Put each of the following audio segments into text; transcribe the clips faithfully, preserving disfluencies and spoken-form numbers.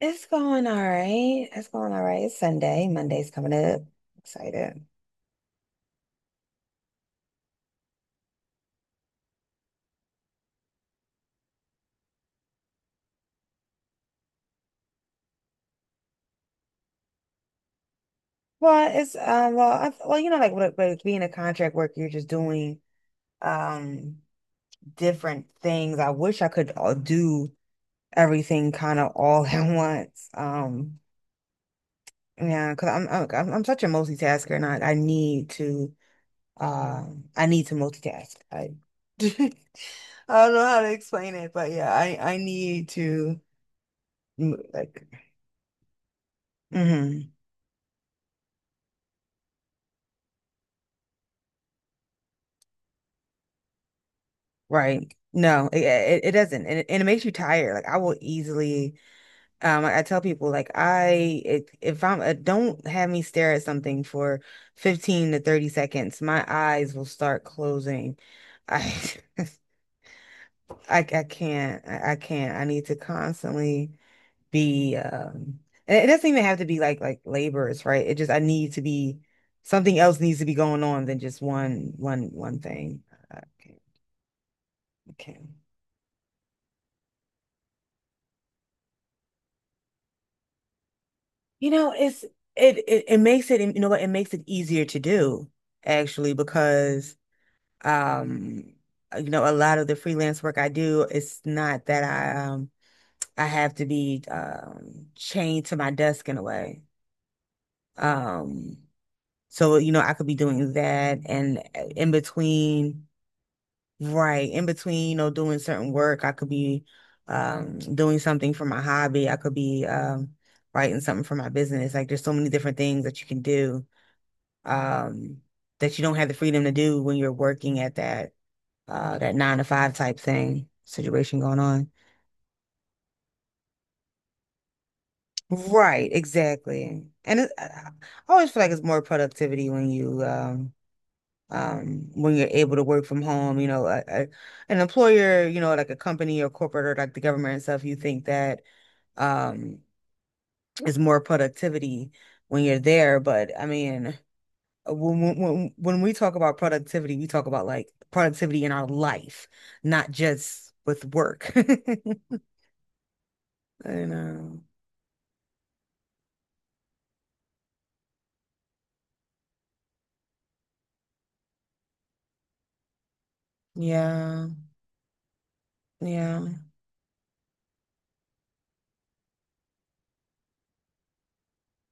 It's going all right. It's going all right. It's Sunday. Monday's coming up. Excited. Well, it's um well I, well you know like with, with being a contract worker, you're just doing um different things. I wish I could all do everything kind of all at once. Um yeah, because I'm, I'm I'm I'm such a multitasker, and I, I need to um I need to multitask. I I don't know how to explain it, but yeah, I I need to mm, like. Mm-hmm. Right. No, it, it, it doesn't. And it, and it makes you tired. Like I will easily, um, I, I tell people like I, it, if I'm, uh, don't have me stare at something for fifteen to thirty seconds. My eyes will start closing. I, I, I can't, I, I can't. I need to constantly be, um, and it doesn't even have to be like, like labors, right? It just, I need to be, something else needs to be going on than just one, one, one thing. I can't, I can't. You know, it's it, it it makes it, you know what, it makes it easier to do actually because um you know a lot of the freelance work I do, it's not that I um I have to be um chained to my desk in a way. Um, so you know I could be doing that and uh, in between, right, in between, you know, doing certain work, I could be um doing something for my hobby. I could be um writing something for my business. Like there's so many different things that you can do um, that you don't have the freedom to do when you're working at that uh, that nine to five type thing situation going on. Right, exactly. And it, I always feel like it's more productivity when you um, um, when you're able to work from home. You know, a, a, an employer, you know, like a company or corporate or like the government and stuff. You think that um, is more productivity when you're there, but I mean. when when when when we talk about productivity, we talk about like productivity in our life, not just with work. I know. Yeah. Yeah.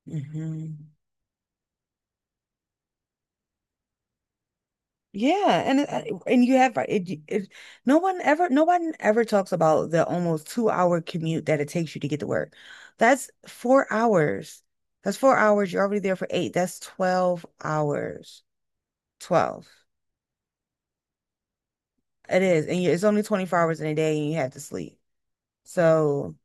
Hmm. Yeah, and it- and you have right, it, it, no one ever no one ever talks about the almost two hour commute that it takes you to get to work. That's four hours. That's four hours. You're already there for eight. That's twelve hours. twelve. It is. And you, it's only twenty-four hours in a day and you have to sleep. So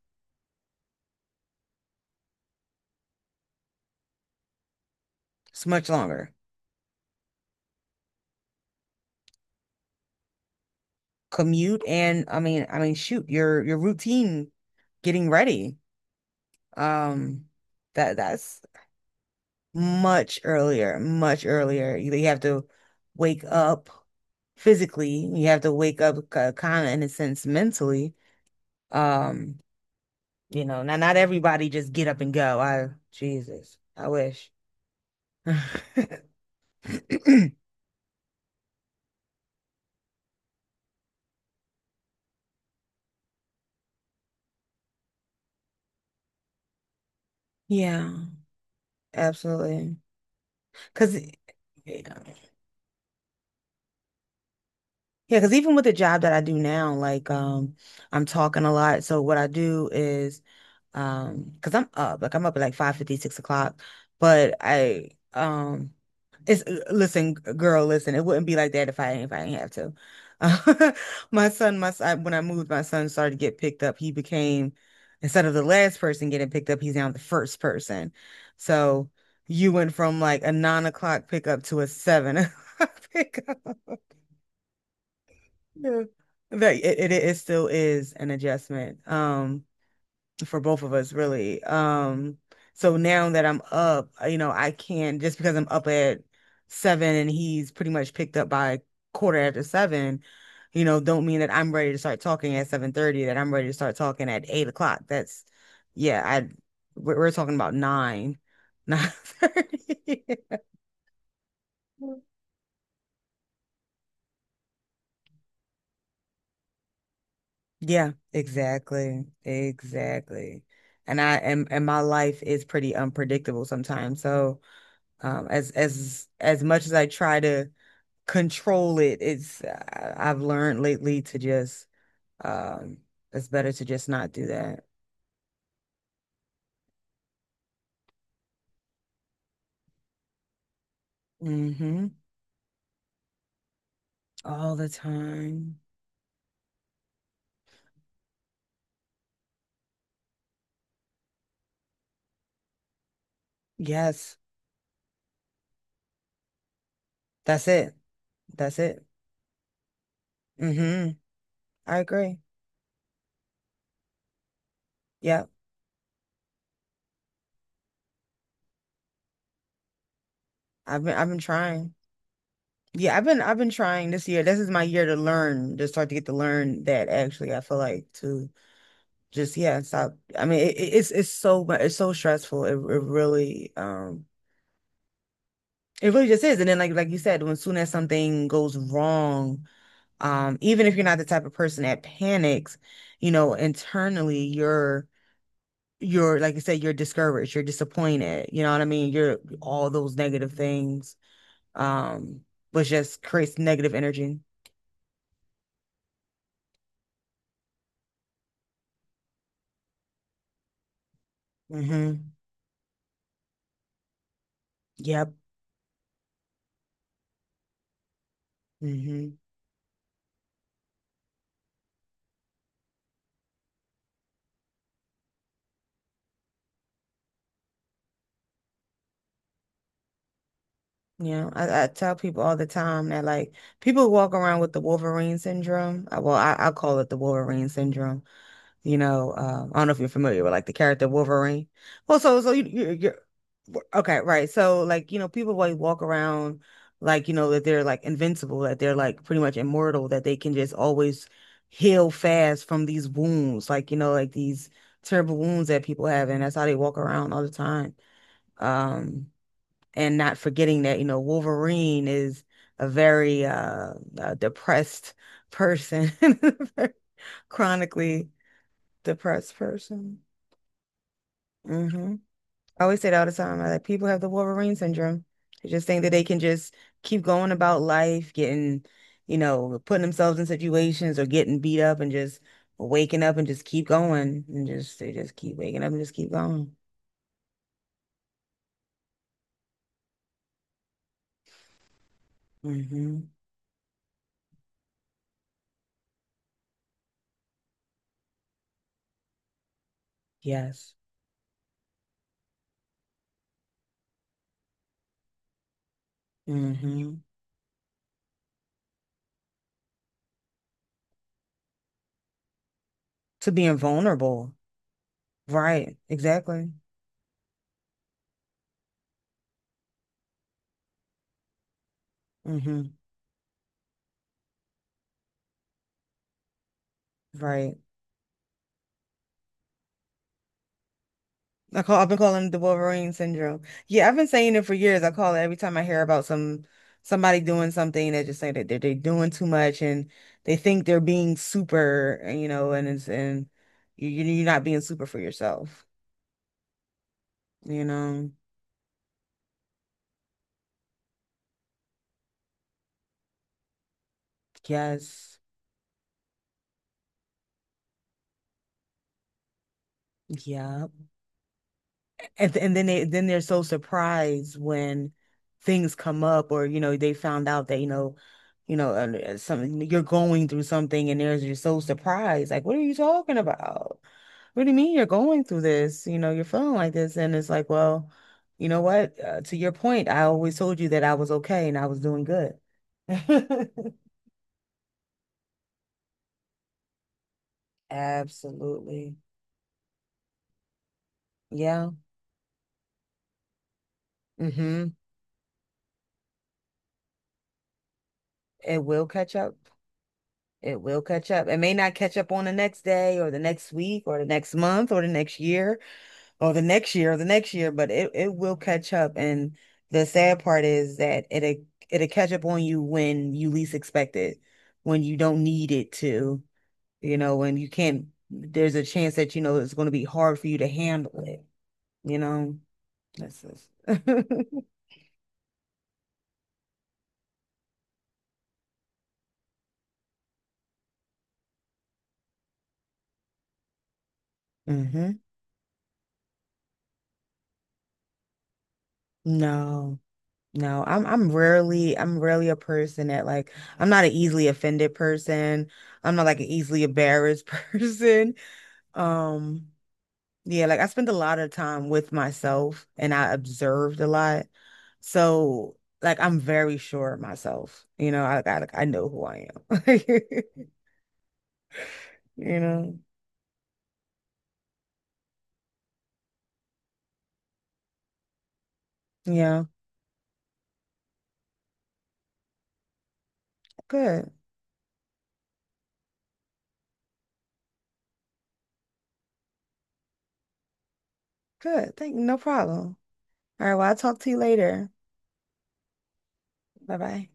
it's much longer. Commute and I mean, I mean, shoot, your your routine getting ready. Um, that that's much earlier, much earlier. You, you have to wake up physically. You have to wake up kind of in a sense mentally. Um, you know, not not everybody just get up and go. I Jesus, I wish. Yeah, absolutely. Because, yeah, because even with the job that I do now, like um, I'm talking a lot. So what I do is um, because I'm up, like I'm up at like five fifty, six o'clock. But I um, it's uh, listen, g- girl, listen. It wouldn't be like that if I if I didn't have to. my son, my son, when I moved, my son started to get picked up. He became, instead of the last person getting picked up, he's now the first person. So you went from like a nine o'clock pickup to a seven o'clock pickup. Yeah. That it, it it still is an adjustment um for both of us really. Um, so now that I'm up, you know, I can just, because I'm up at seven and he's pretty much picked up by quarter after seven, you know, don't mean that I'm ready to start talking at seven thirty, that I'm ready to start talking at eight o'clock. That's, yeah, I we're, we're talking about nine, nine thirty. Yeah, exactly. Exactly. And I am, and my life is pretty unpredictable sometimes. So, um as as as much as I try to control it, it's, I- I've learned lately to just um it's better to just not do that. Mm-hmm. All the time. Yes. That's it. That's it. Mm-hmm. I agree. Yeah, I've been I've been trying. Yeah, I've been I've been trying this year. This is my year to learn, to start to get to learn that actually. I feel like to just, yeah, stop. I mean, it, it's it's so mu- it's so stressful. It, it really um it really just is. And then like like you said, when soon as something goes wrong, um even if you're not the type of person that panics, you know, internally you're you're like, you said, you're discouraged, you're disappointed. You know what I mean? You're all those negative things, um, which just creates negative energy. Mm-hmm. Yeah. Hmm. Yeah, I, I tell people all the time that like people walk around with the Wolverine syndrome. Uh, Well, I, I call it the Wolverine syndrome. You know, uh, I don't know if you're familiar with like the character Wolverine. Well, so so you, you you're okay, right? So like, you know, people like walk around, like you know that they're like invincible, that they're like pretty much immortal, that they can just always heal fast from these wounds, like you know, like these terrible wounds that people have, and that's how they walk around all the time. Um, and not forgetting that, you know, Wolverine is a very uh, uh depressed person, chronically depressed person. Hmm. I always say that all the time. I like people have the Wolverine syndrome. They just think that they can just keep going about life, getting, you know, putting themselves in situations or getting beat up and just waking up and just keep going and just, they just keep waking up and just keep going. Hmm. Yes. Hmm. To being vulnerable. Right, exactly. Hmm. Right. I call, I've been calling it the Wolverine syndrome. Yeah, I've been saying it for years. I call it every time I hear about some somebody doing something, they just say that they're, they're doing too much, and they think they're being super, and, you know, and it's, and you you- you're not being super for yourself, you know. Yes. Yeah. And, and then they, then they're so surprised when things come up, or you know they found out that, you know, you know uh, something you're going through, something, and there's, you're so surprised like, what are you talking about? What do you mean you're going through this? You know, you're feeling like this. And it's like, well, you know what, uh, to your point, I always told you that I was okay and I was doing good. Absolutely. Yeah. Mm-hmm. It will catch up. It will catch up. It may not catch up on the next day or the next week or the next month or the next year or the next year or the next year, but it, it will catch up. And the sad part is that it'll it'll catch up on you when you least expect it, when you don't need it to, you know, when you can't, there's a chance that, you know, it's going to be hard for you to handle it, you know. That's just... Hmm. No. No, I'm I'm rarely, I'm rarely a person that, like, I'm not an easily offended person. I'm not like an easily embarrassed person. Um, yeah, like I spend a lot of time with myself and I observed a lot. So like I'm very sure of myself. You know, I I like, I know who I am. You know. Yeah. Good. Good. Thank you. No problem. All right, well, I'll talk to you later. Bye-bye.